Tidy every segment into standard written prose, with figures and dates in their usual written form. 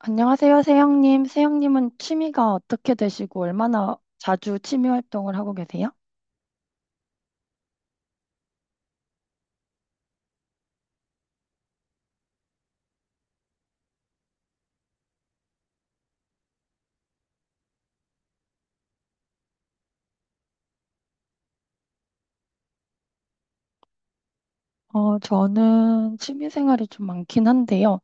안녕하세요, 세영님. 세영님은 취미가 어떻게 되시고 얼마나 자주 취미 활동을 하고 계세요? 저는 취미 생활이 좀 많긴 한데요.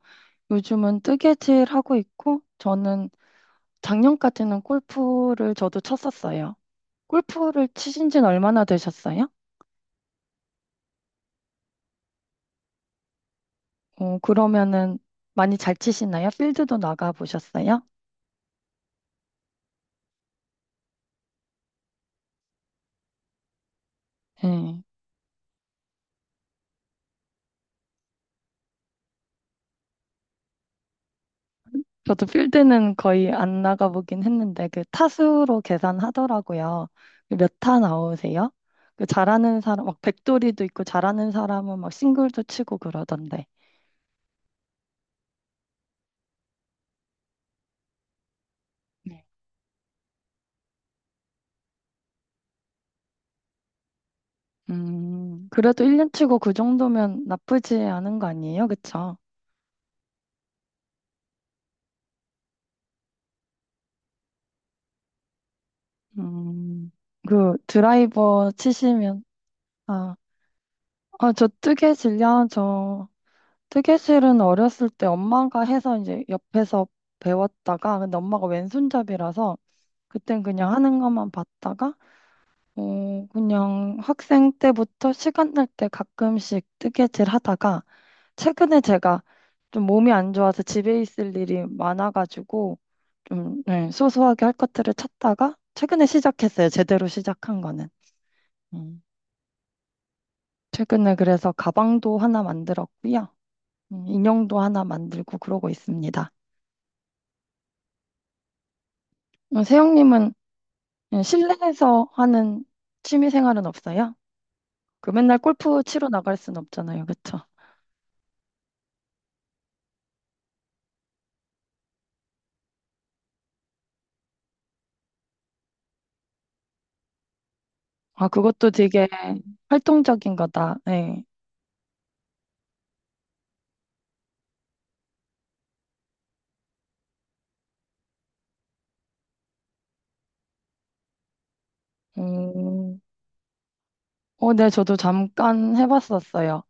요즘은 뜨개질 하고 있고, 저는 작년까지는 골프를 저도 쳤었어요. 골프를 치신 지는 얼마나 되셨어요? 그러면은 많이 잘 치시나요? 필드도 나가 보셨어요? 저도 필드는 거의 안 나가보긴 했는데 그 타수로 계산하더라고요. 그 몇 타 나오세요? 그 잘하는 사람 막 백돌이도 있고 잘하는 사람은 막 싱글도 치고 그러던데. 네. 그래도 1년 치고 그 정도면 나쁘지 않은 거 아니에요? 그쵸? 음, 그 드라이버 치시면, 아, 저 뜨개질이요, 저 뜨개질은 어렸을 때 엄마가 해서 이제 옆에서 배웠다가, 근데 엄마가 왼손잡이라서 그땐 그냥 하는 것만 봤다가, 그냥 학생 때부터 시간 날 때 가끔씩 뜨개질 하다가, 최근에 제가 좀 몸이 안 좋아서 집에 있을 일이 많아가지고, 좀, 네, 소소하게 할 것들을 찾다가, 최근에 시작했어요. 제대로 시작한 거는. 음. 최근에 그래서 가방도 하나 만들었고요. 인형도 하나 만들고 그러고 있습니다. 어, 세영님은 네, 실내에서 하는 취미 생활은 없어요? 그 맨날 골프 치러 나갈 순 없잖아요, 그쵸? 아, 그것도 되게 활동적인 거다. 네. 음, 네, 저도 잠깐 해봤었어요.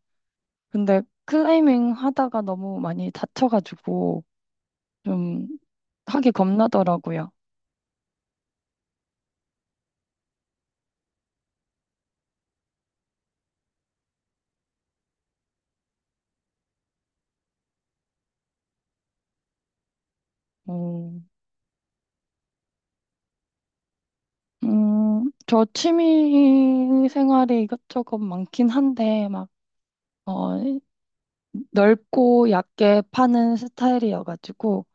근데 클라이밍 하다가 너무 많이 다쳐가지고 좀 하기 겁나더라고요. 음, 저 취미 생활이 이것저것 많긴 한데 막, 어, 넓고 얕게 파는 스타일이어가지고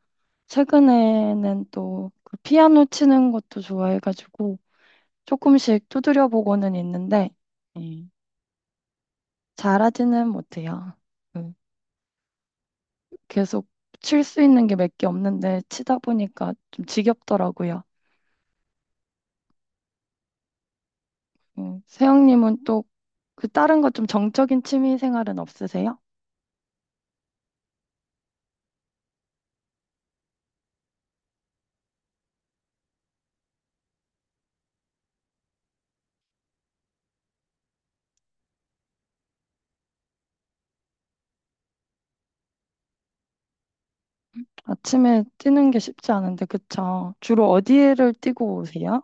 최근에는 또 그 피아노 치는 것도 좋아해가지고 조금씩 두드려 보고는 있는데 음. 잘하지는 못해요. 음, 계속 칠 수 있는 게 몇 개 없는데 치다 보니까 좀 지겹더라고요. 세영님은 또 그 다른 거 좀 정적인 취미 생활은 없으세요? 아침에 뛰는 게 쉽지 않은데 그쵸? 주로 어디를 뛰고 오세요?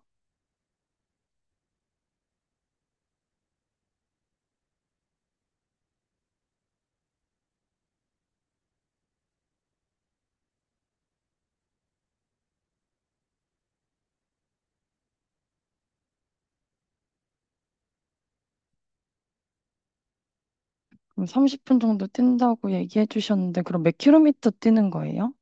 그럼 30분 정도 뛴다고 얘기해 주셨는데 그럼 몇 킬로미터 뛰는 거예요?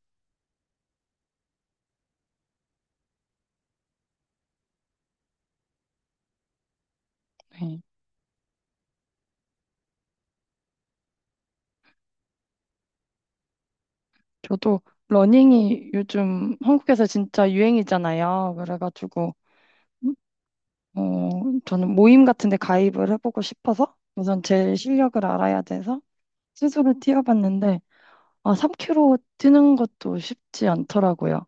네. 저도 러닝이 요즘 한국에서 진짜 유행이잖아요. 그래가지고 어, 저는 모임 같은 데 가입을 해보고 싶어서 우선 제 실력을 알아야 돼서 스스로 뛰어봤는데 아, 3km 뛰는 것도 쉽지 않더라고요.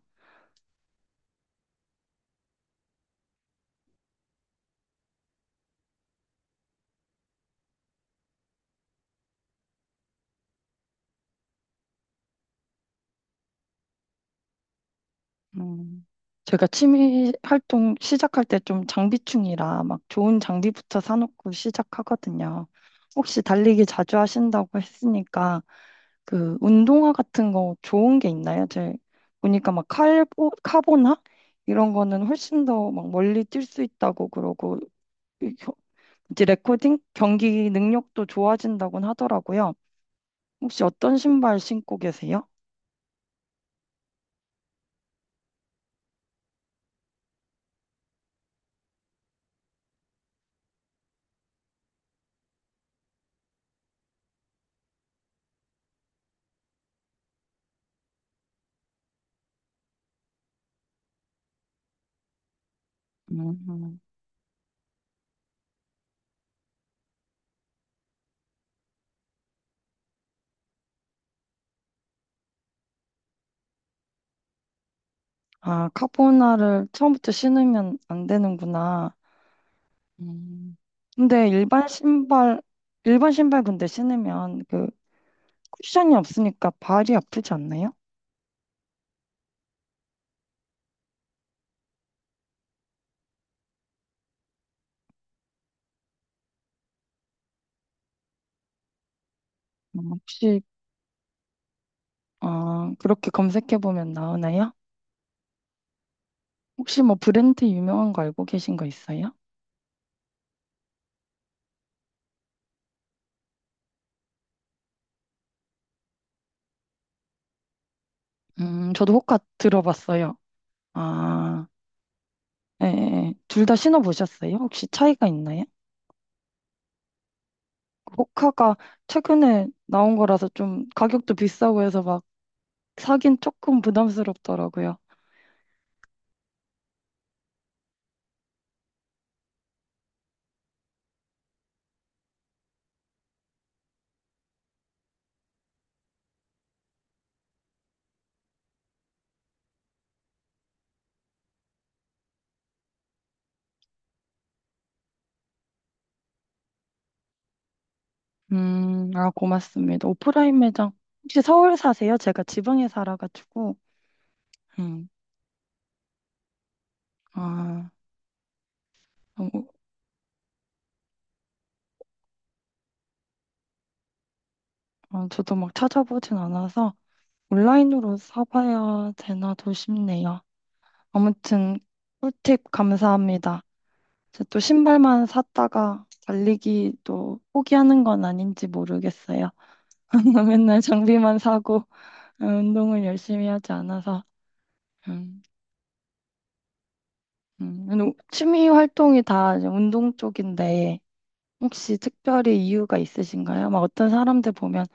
음, 제가 취미 활동 시작할 때 좀 장비충이라 막 좋은 장비부터 사놓고 시작하거든요. 혹시 달리기 자주 하신다고 했으니까 그 운동화 같은 거 좋은 게 있나요? 제 보니까 막 칼보, 카보나 이런 거는 훨씬 더 막 멀리 뛸 수 있다고 그러고 이제 레코딩 경기 능력도 좋아진다곤 하더라고요. 혹시 어떤 신발 신고 계세요? 음. 아, 카보나를 처음부터 신으면 안 되는구나. 음. 근데 일반 신발, 일반 신발 근데 신으면 그 쿠션이 없으니까 발이 아프지 않나요? 혹시 아, 그렇게 검색해보면 나오나요? 혹시 뭐 브랜드 유명한 거 알고 계신 거 있어요? 저도 호카 들어봤어요. 아, 예, 예. 예. 둘 다 신어보셨어요? 혹시 차이가 있나요? 호카가 최근에 나온 거라서 좀 가격도 비싸고 해서 막 사긴 조금 부담스럽더라고요. 아, 고맙습니다. 오프라인 매장. 혹시 서울 사세요? 제가 지방에 살아가지고. 음, 아, 너무- 아, 저도 막 찾아보진 않아서. 온라인으로 사봐야 되나도 싶네요. 아무튼 꿀팁 감사합니다. 제또 신발만 샀다가 달리기도 포기하는 건 아닌지 모르겠어요. 맨날 장비만 사고 운동을 열심히 하지 않아서 음, 운동- 취미 활동이 다 이제 운동 쪽인데 혹시 특별히 이유가 있으신가요? 막 어떤 사람들 보면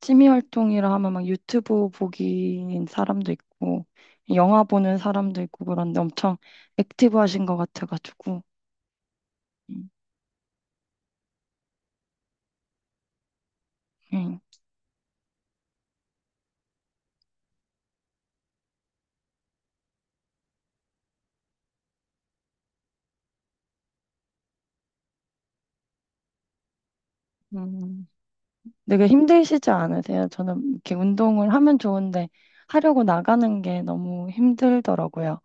취미 활동이라 하면 막 유튜브 보기인 사람도 있고 영화 보는 사람도 있고 그런데 엄청 액티브하신 것 같아가지고 음, 음. 음, 되게 힘드시지 않으세요? 저는 이렇게 운동을 하면 좋은데 하려고 나가는 게 너무 힘들더라고요.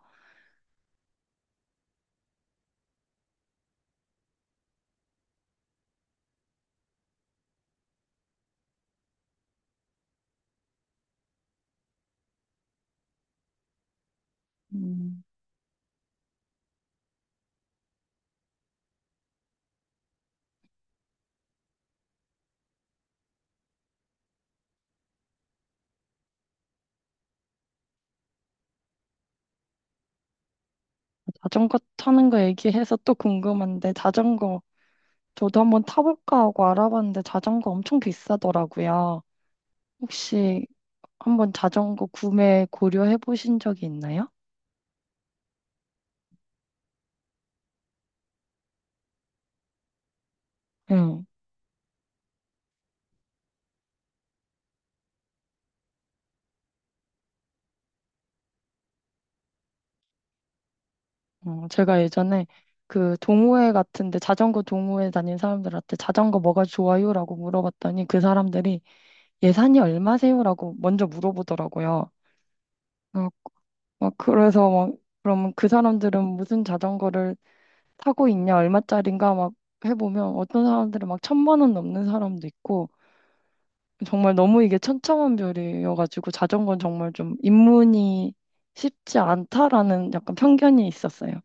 음. 자전거 타는 거 얘기해서 또 궁금한데 자전거 저도 한번 타볼까 하고 알아봤는데 자전거 엄청 비싸더라고요. 혹시 한번 자전거 구매 고려해 보신 적이 있나요? 응. 제가 예전에 그 동호회 같은데 자전거 동호회 다닌 사람들한테 자전거 뭐가 좋아요라고 물어봤더니 그 사람들이 예산이 얼마세요라고 먼저 물어보더라고요. 어, 막 그래서 막 그러면 그 사람들은 무슨 자전거를 타고 있냐 얼마짜린가 막 해보면 어떤 사람들은 막 1,000만 원 넘는 사람도 있고 정말 너무 이게 천차만별이어가지고 자전거는 정말 좀 입문이 쉽지 않다라는 약간 편견이 있었어요.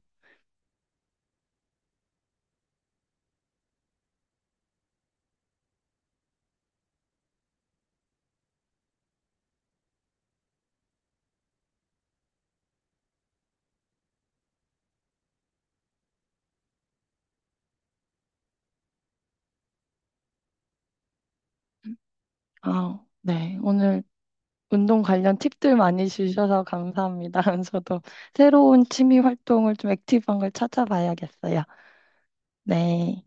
아, 네. 오늘 운동 관련 팁들 많이 주셔서 감사합니다. 저도 새로운 취미 활동을 좀 액티브한 걸 찾아봐야겠어요. 네.